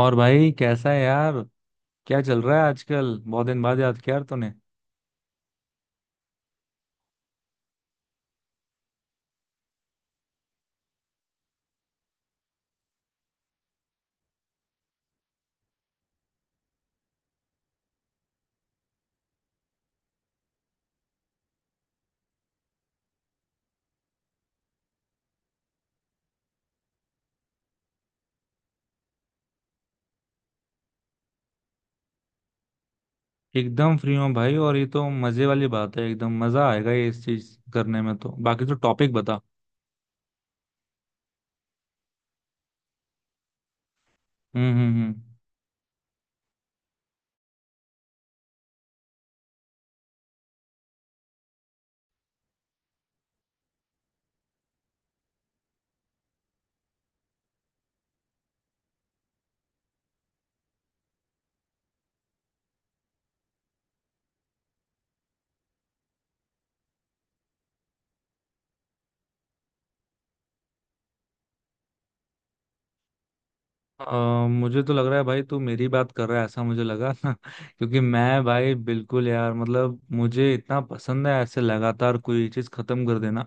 और भाई कैसा है यार। क्या चल रहा है आजकल? बहुत दिन बाद याद किया यार तूने। एकदम फ्री हूँ भाई। और ये तो मजे वाली बात है, एकदम मजा आएगा ये इस चीज करने में। तो बाकी तो टॉपिक बता। हम्म। हम्म। हम्म। मुझे तो लग रहा है भाई तू मेरी बात कर रहा है, ऐसा मुझे लगा ना। क्योंकि मैं भाई बिल्कुल यार मतलब मुझे इतना पसंद है ऐसे लगातार कोई चीज खत्म कर देना।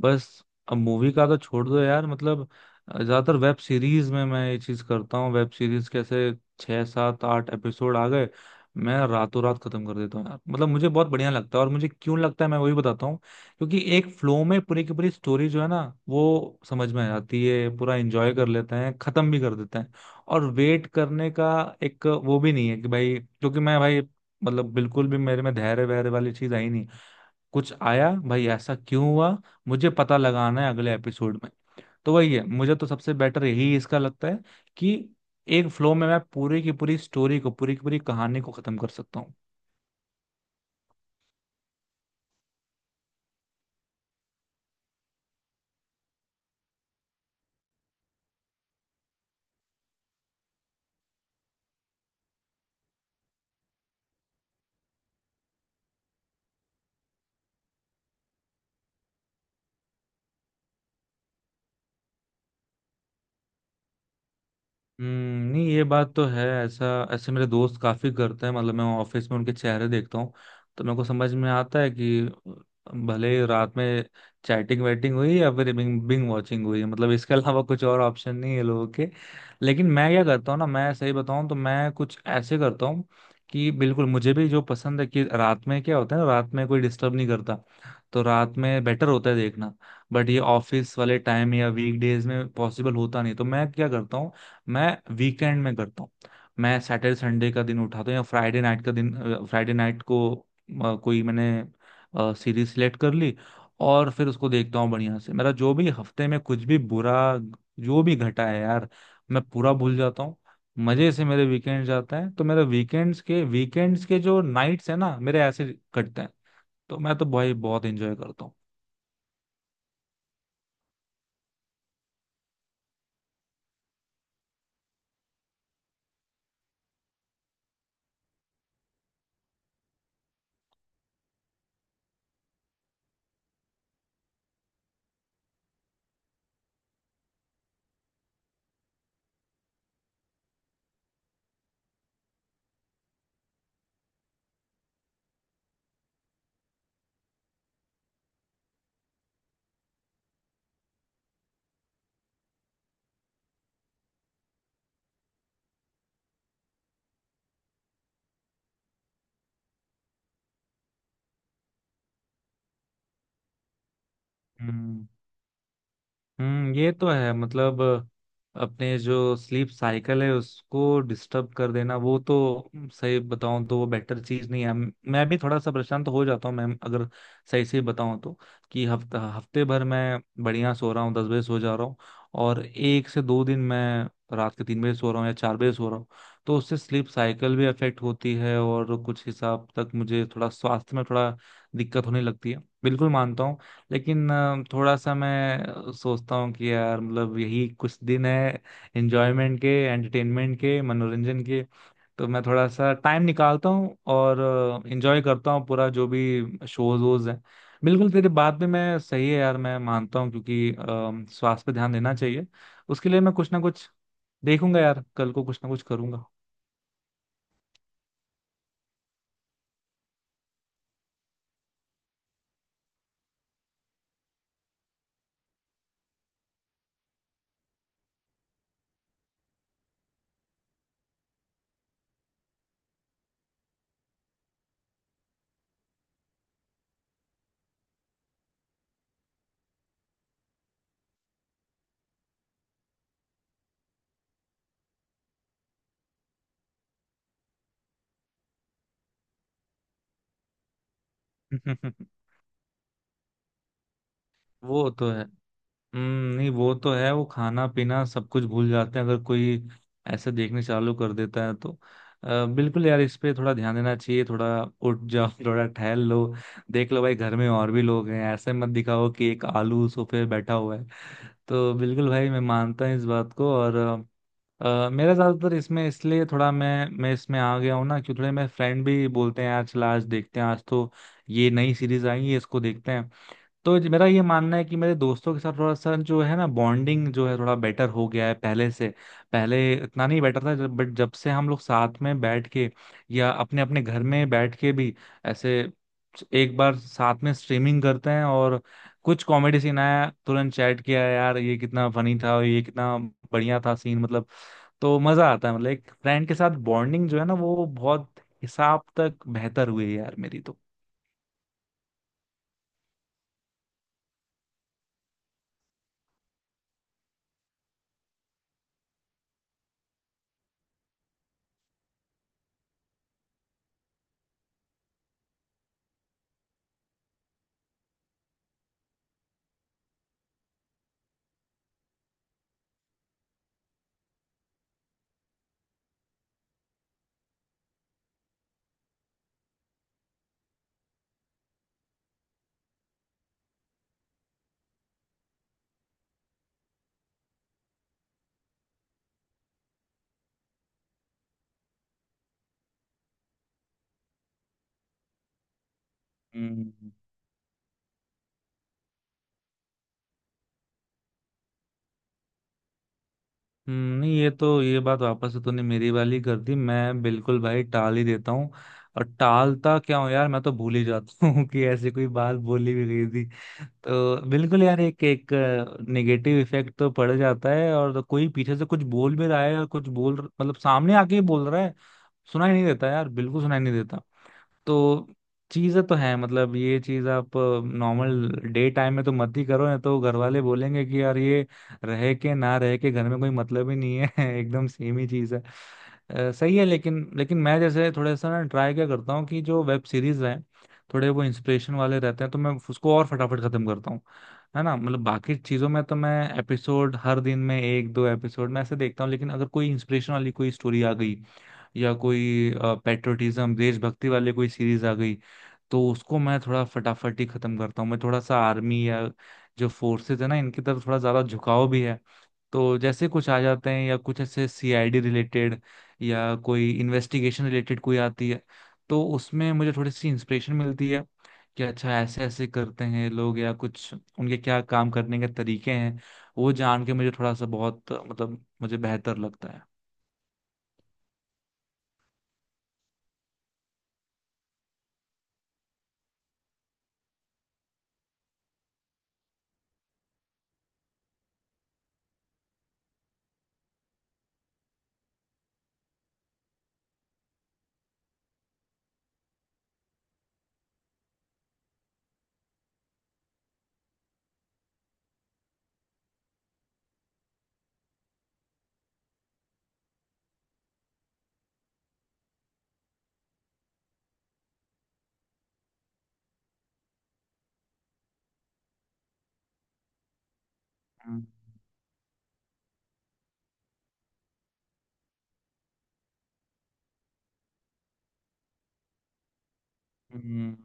बस। अब मूवी का तो छोड़ दो यार, मतलब ज्यादातर वेब सीरीज में मैं ये चीज करता हूँ। वेब सीरीज कैसे 6 7 8 एपिसोड आ गए, मैं रातों रात खत्म कर देता हूँ यार। मतलब मुझे बहुत बढ़िया लगता है। और मुझे क्यों लगता है मैं वही बताता हूँ। क्योंकि एक फ्लो में पूरी की पूरी स्टोरी जो है ना, वो समझ में आ जाती है, पूरा एंजॉय कर लेते हैं, खत्म भी कर देते हैं। और वेट करने का एक वो भी नहीं है कि भाई, क्योंकि मैं भाई, मतलब बिल्कुल भी मेरे में धैर्य वैर्य वाली चीज आई नहीं। कुछ आया भाई, ऐसा क्यों हुआ, मुझे पता लगाना है अगले एपिसोड में। तो वही है, मुझे तो सबसे बेटर यही इसका लगता है कि एक फ्लो में मैं पूरी की पूरी स्टोरी को, पूरी की पूरी कहानी को खत्म कर सकता हूँ। नहीं ये बात तो है। ऐसा, ऐसे मेरे दोस्त काफी करते हैं, मतलब मैं ऑफिस में उनके चेहरे देखता हूँ तो मेरे को समझ में आता है कि भले ही रात में चैटिंग वैटिंग हुई या फिर बिंग बिंग वॉचिंग हुई, मतलब इसके अलावा कुछ और ऑप्शन नहीं है लोगों के। लेकिन मैं क्या करता हूँ ना, मैं सही बताऊँ तो मैं कुछ ऐसे करता हूँ कि बिल्कुल मुझे भी जो पसंद है कि रात में क्या होता है ना, रात में कोई डिस्टर्ब नहीं करता, तो रात में बेटर होता है देखना। बट ये ऑफिस वाले टाइम या वीक डेज में पॉसिबल होता नहीं, तो मैं क्या करता हूँ, मैं वीकेंड में करता हूँ। मैं सैटरडे संडे का दिन उठाता हूँ या फ्राइडे नाइट का दिन। फ्राइडे नाइट को कोई मैंने सीरीज सिलेक्ट कर ली। और फिर उसको देखता हूँ बढ़िया से। मेरा जो भी हफ्ते में कुछ भी बुरा, जो भी घटा है यार, मैं पूरा भूल जाता हूँ। मजे से मेरे वीकेंड जाता है, तो मेरे वीकेंड्स के जो नाइट्स है ना, मेरे ऐसे कटते हैं। तो मैं तो भाई बहुत एंजॉय करता हूँ। हम्म। हम्म, ये तो है, मतलब अपने जो स्लीप साइकिल है उसको डिस्टर्ब कर देना, वो तो, सही बताऊं तो वो बेटर चीज नहीं है। मैं भी थोड़ा सा परेशान तो हो जाता हूँ मैम, अगर सही से बताऊं तो, कि हफ्ता हफ्ते भर मैं बढ़िया सो रहा हूँ, 10 बजे सो जा रहा हूँ। और एक से दो दिन मैं रात के 3 बजे सो रहा हूँ या 4 बजे सो रहा हूँ। तो उससे स्लीप साइकिल भी अफेक्ट होती है और कुछ हिसाब तक मुझे थोड़ा स्वास्थ्य में थोड़ा दिक्कत होने लगती है। बिल्कुल मानता हूँ। लेकिन थोड़ा सा मैं सोचता हूँ कि यार मतलब यही कुछ दिन है, एंजॉयमेंट के, एंटरटेनमेंट के, मनोरंजन के। तो मैं थोड़ा सा टाइम निकालता हूँ और एंजॉय करता हूँ पूरा जो भी शोज वोज हैं। बिल्कुल तेरी बात भी मैं सही है यार, मैं मानता हूँ, क्योंकि स्वास्थ्य पे ध्यान देना चाहिए। उसके लिए मैं कुछ ना कुछ देखूंगा यार, कल को कुछ ना कुछ करूंगा। वो तो है। हम्म, नहीं वो तो है, वो खाना पीना सब कुछ भूल जाते हैं अगर कोई ऐसे देखने चालू कर देता है तो। बिल्कुल यार, इस पे थोड़ा ध्यान देना चाहिए, थोड़ा उठ जाओ थोड़ा टहल लो। देख लो भाई, घर में और भी लोग हैं, ऐसे मत दिखाओ कि एक आलू सोफे पे बैठा हुआ है। तो बिल्कुल भाई मैं मानता हूँ इस बात को। और मेरा ज्यादातर इसमें इसलिए थोड़ा मैं इसमें आ गया हूँ ना, कि थोड़े मेरे फ्रेंड भी बोलते हैं यार, चला आज देखते हैं, आज तो ये नई सीरीज आई है, इसको देखते हैं। तो मेरा ये मानना है कि मेरे दोस्तों के साथ थोड़ा सा जो है ना बॉन्डिंग, जो है थोड़ा बेटर हो गया है पहले से। पहले इतना नहीं बेटर था जब, बट जब से हम लोग साथ में बैठ के या अपने अपने घर में बैठ के भी, ऐसे एक बार साथ में स्ट्रीमिंग करते हैं और कुछ कॉमेडी सीन आया, तुरंत चैट किया यार ये कितना फनी था और ये कितना बढ़िया था सीन, मतलब तो मजा आता है, मतलब एक फ्रेंड के साथ बॉन्डिंग जो है ना, वो बहुत हिसाब तक बेहतर हुई है यार मेरी तो। हम्म। नहीं ये तो, ये बात वापस से तूने मेरी वाली कर दी, मैं बिल्कुल भाई टाल ही देता हूँ। और टालता क्या हूँ यार, मैं तो भूल ही जाता हूँ कि ऐसी कोई बात बोली भी गई थी। तो बिल्कुल यार, एक एक नेगेटिव इफेक्ट तो पड़ जाता है, और कोई पीछे से कुछ बोल भी रहा है और कुछ बोल, मतलब सामने आके ही बोल रहा है, सुनाई नहीं देता यार, बिल्कुल सुनाई नहीं देता। तो चीजें तो हैं, मतलब ये चीज आप नॉर्मल डे टाइम में तो मत ही करो, नहीं तो घर वाले बोलेंगे कि यार ये रह के ना रह के घर में कोई मतलब ही नहीं है एकदम सेम ही चीज है। सही है। लेकिन लेकिन मैं जैसे थोड़ा सा ना ट्राई क्या करता हूँ कि जो वेब सीरीज हैं थोड़े वो इंस्पिरेशन वाले रहते हैं, तो मैं उसको और फटाफट खत्म करता हूँ। है ना? मतलब बाकी चीजों में तो मैं एपिसोड, हर दिन में एक दो एपिसोड मैं ऐसे देखता हूँ, लेकिन अगर कोई इंस्पिरेशन वाली कोई स्टोरी आ गई, या कोई पेट्रोटिज्म देशभक्ति वाले कोई सीरीज आ गई, तो उसको मैं थोड़ा फटाफट ही खत्म करता हूँ। मैं थोड़ा सा आर्मी या जो फोर्सेस है ना, इनकी तरफ थोड़ा ज्यादा झुकाव भी है, तो जैसे कुछ आ जाते हैं या कुछ ऐसे सीआईडी रिलेटेड, या कोई इन्वेस्टिगेशन रिलेटेड कोई आती है, तो उसमें मुझे थोड़ी सी इंस्पिरेशन मिलती है कि अच्छा, ऐसे ऐसे करते हैं लोग या कुछ, उनके क्या काम करने के तरीके हैं, वो जान के मुझे थोड़ा सा बहुत मतलब मुझे बेहतर लगता है। हम्म।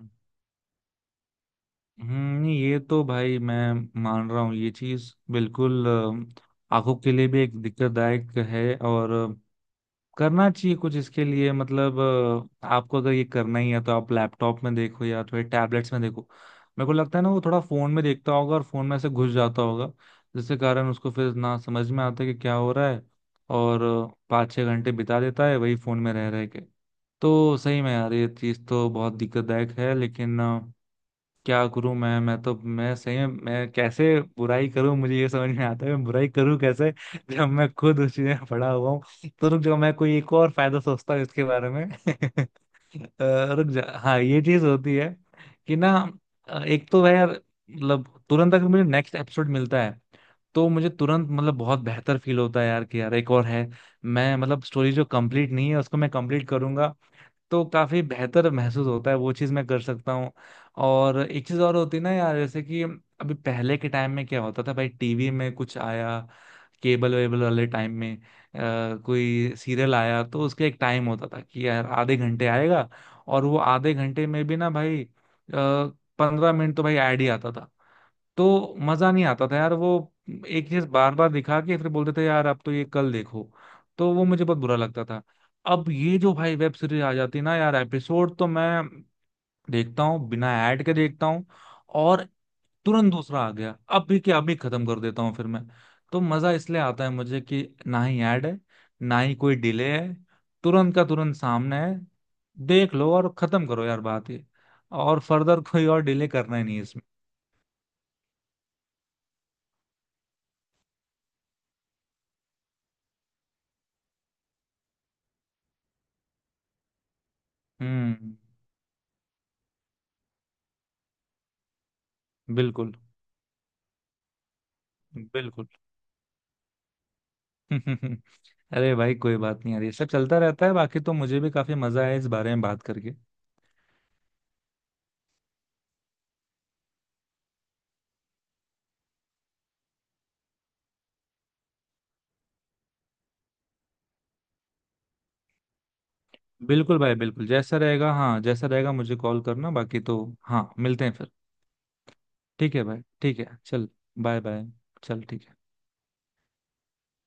हम्म, नहीं, ये तो भाई मैं मान रहा हूँ ये चीज बिल्कुल आंखों के लिए भी एक दिक्कतदायक है, और करना चाहिए कुछ इसके लिए, मतलब आपको अगर ये करना ही है तो आप लैपटॉप में देखो या थोड़े टैबलेट्स में देखो। मेरे को लगता है ना, वो थोड़ा फोन में देखता होगा और फोन में ऐसे घुस जाता होगा, जिसके कारण उसको फिर ना समझ में आता कि क्या हो रहा है। और 5 6 घंटे बिता देता है वही फोन में रह रह के। तो सही में यार, ये चीज तो बहुत दिक्कतदायक है, लेकिन क्या करूं मैं तो, मैं सही में, मैं कैसे बुराई करूं? मुझे ये समझ में आता है, मैं बुराई करूं कैसे जब मैं खुद उस चीज में पड़ा हुआ हूं? तो रुक जाओ, मैं कोई एक और फायदा सोचता हूँ इसके बारे में। रुक जा, हाँ ये चीज होती है कि ना, एक तो वह यार, मतलब तुरंत अगर मुझे नेक्स्ट एपिसोड मिलता है, तो मुझे तुरंत मतलब बहुत बेहतर फील होता है यार, कि यार एक और है। मैं, मतलब स्टोरी जो कंप्लीट नहीं है उसको मैं कंप्लीट करूंगा, तो काफी बेहतर महसूस होता है, वो चीज मैं कर सकता हूँ। और एक चीज और होती है ना यार, जैसे कि अभी पहले के टाइम में क्या होता था भाई, टीवी में कुछ आया, केबल वेबल वाले टाइम में, कोई सीरियल आया, तो उसके एक टाइम होता था कि यार आधे घंटे आएगा। और वो आधे घंटे में भी ना भाई, 15 मिनट तो भाई ऐड ही आता था। तो मजा नहीं आता था यार, वो एक चीज बार बार दिखा के फिर बोलते थे यार अब तो ये कल देखो। तो वो मुझे बहुत बुरा लगता था। अब ये जो भाई वेब सीरीज आ जाती है ना यार, एपिसोड तो मैं देखता हूँ, बिना ऐड के देखता हूँ, और तुरंत दूसरा आ गया अब भी, क्या अभी खत्म कर देता हूँ फिर मैं। तो मजा इसलिए आता है मुझे कि ना ही ऐड है, ना ही कोई डिले है, तुरंत का तुरंत सामने है। देख लो और खत्म करो यार, बात ये, और फर्दर कोई और डिले करना ही नहीं है इसमें। हम्म, बिल्कुल, बिल्कुल अरे भाई कोई बात नहीं यार, ये सब चलता रहता है। बाकी तो मुझे भी काफी मजा आया इस बारे में बात करके। बिल्कुल भाई, बिल्कुल जैसा रहेगा। हाँ, जैसा रहेगा मुझे कॉल करना। बाकी तो हाँ, मिलते हैं फिर। ठीक है भाई, ठीक है चल। बाय बाय, चल ठीक है।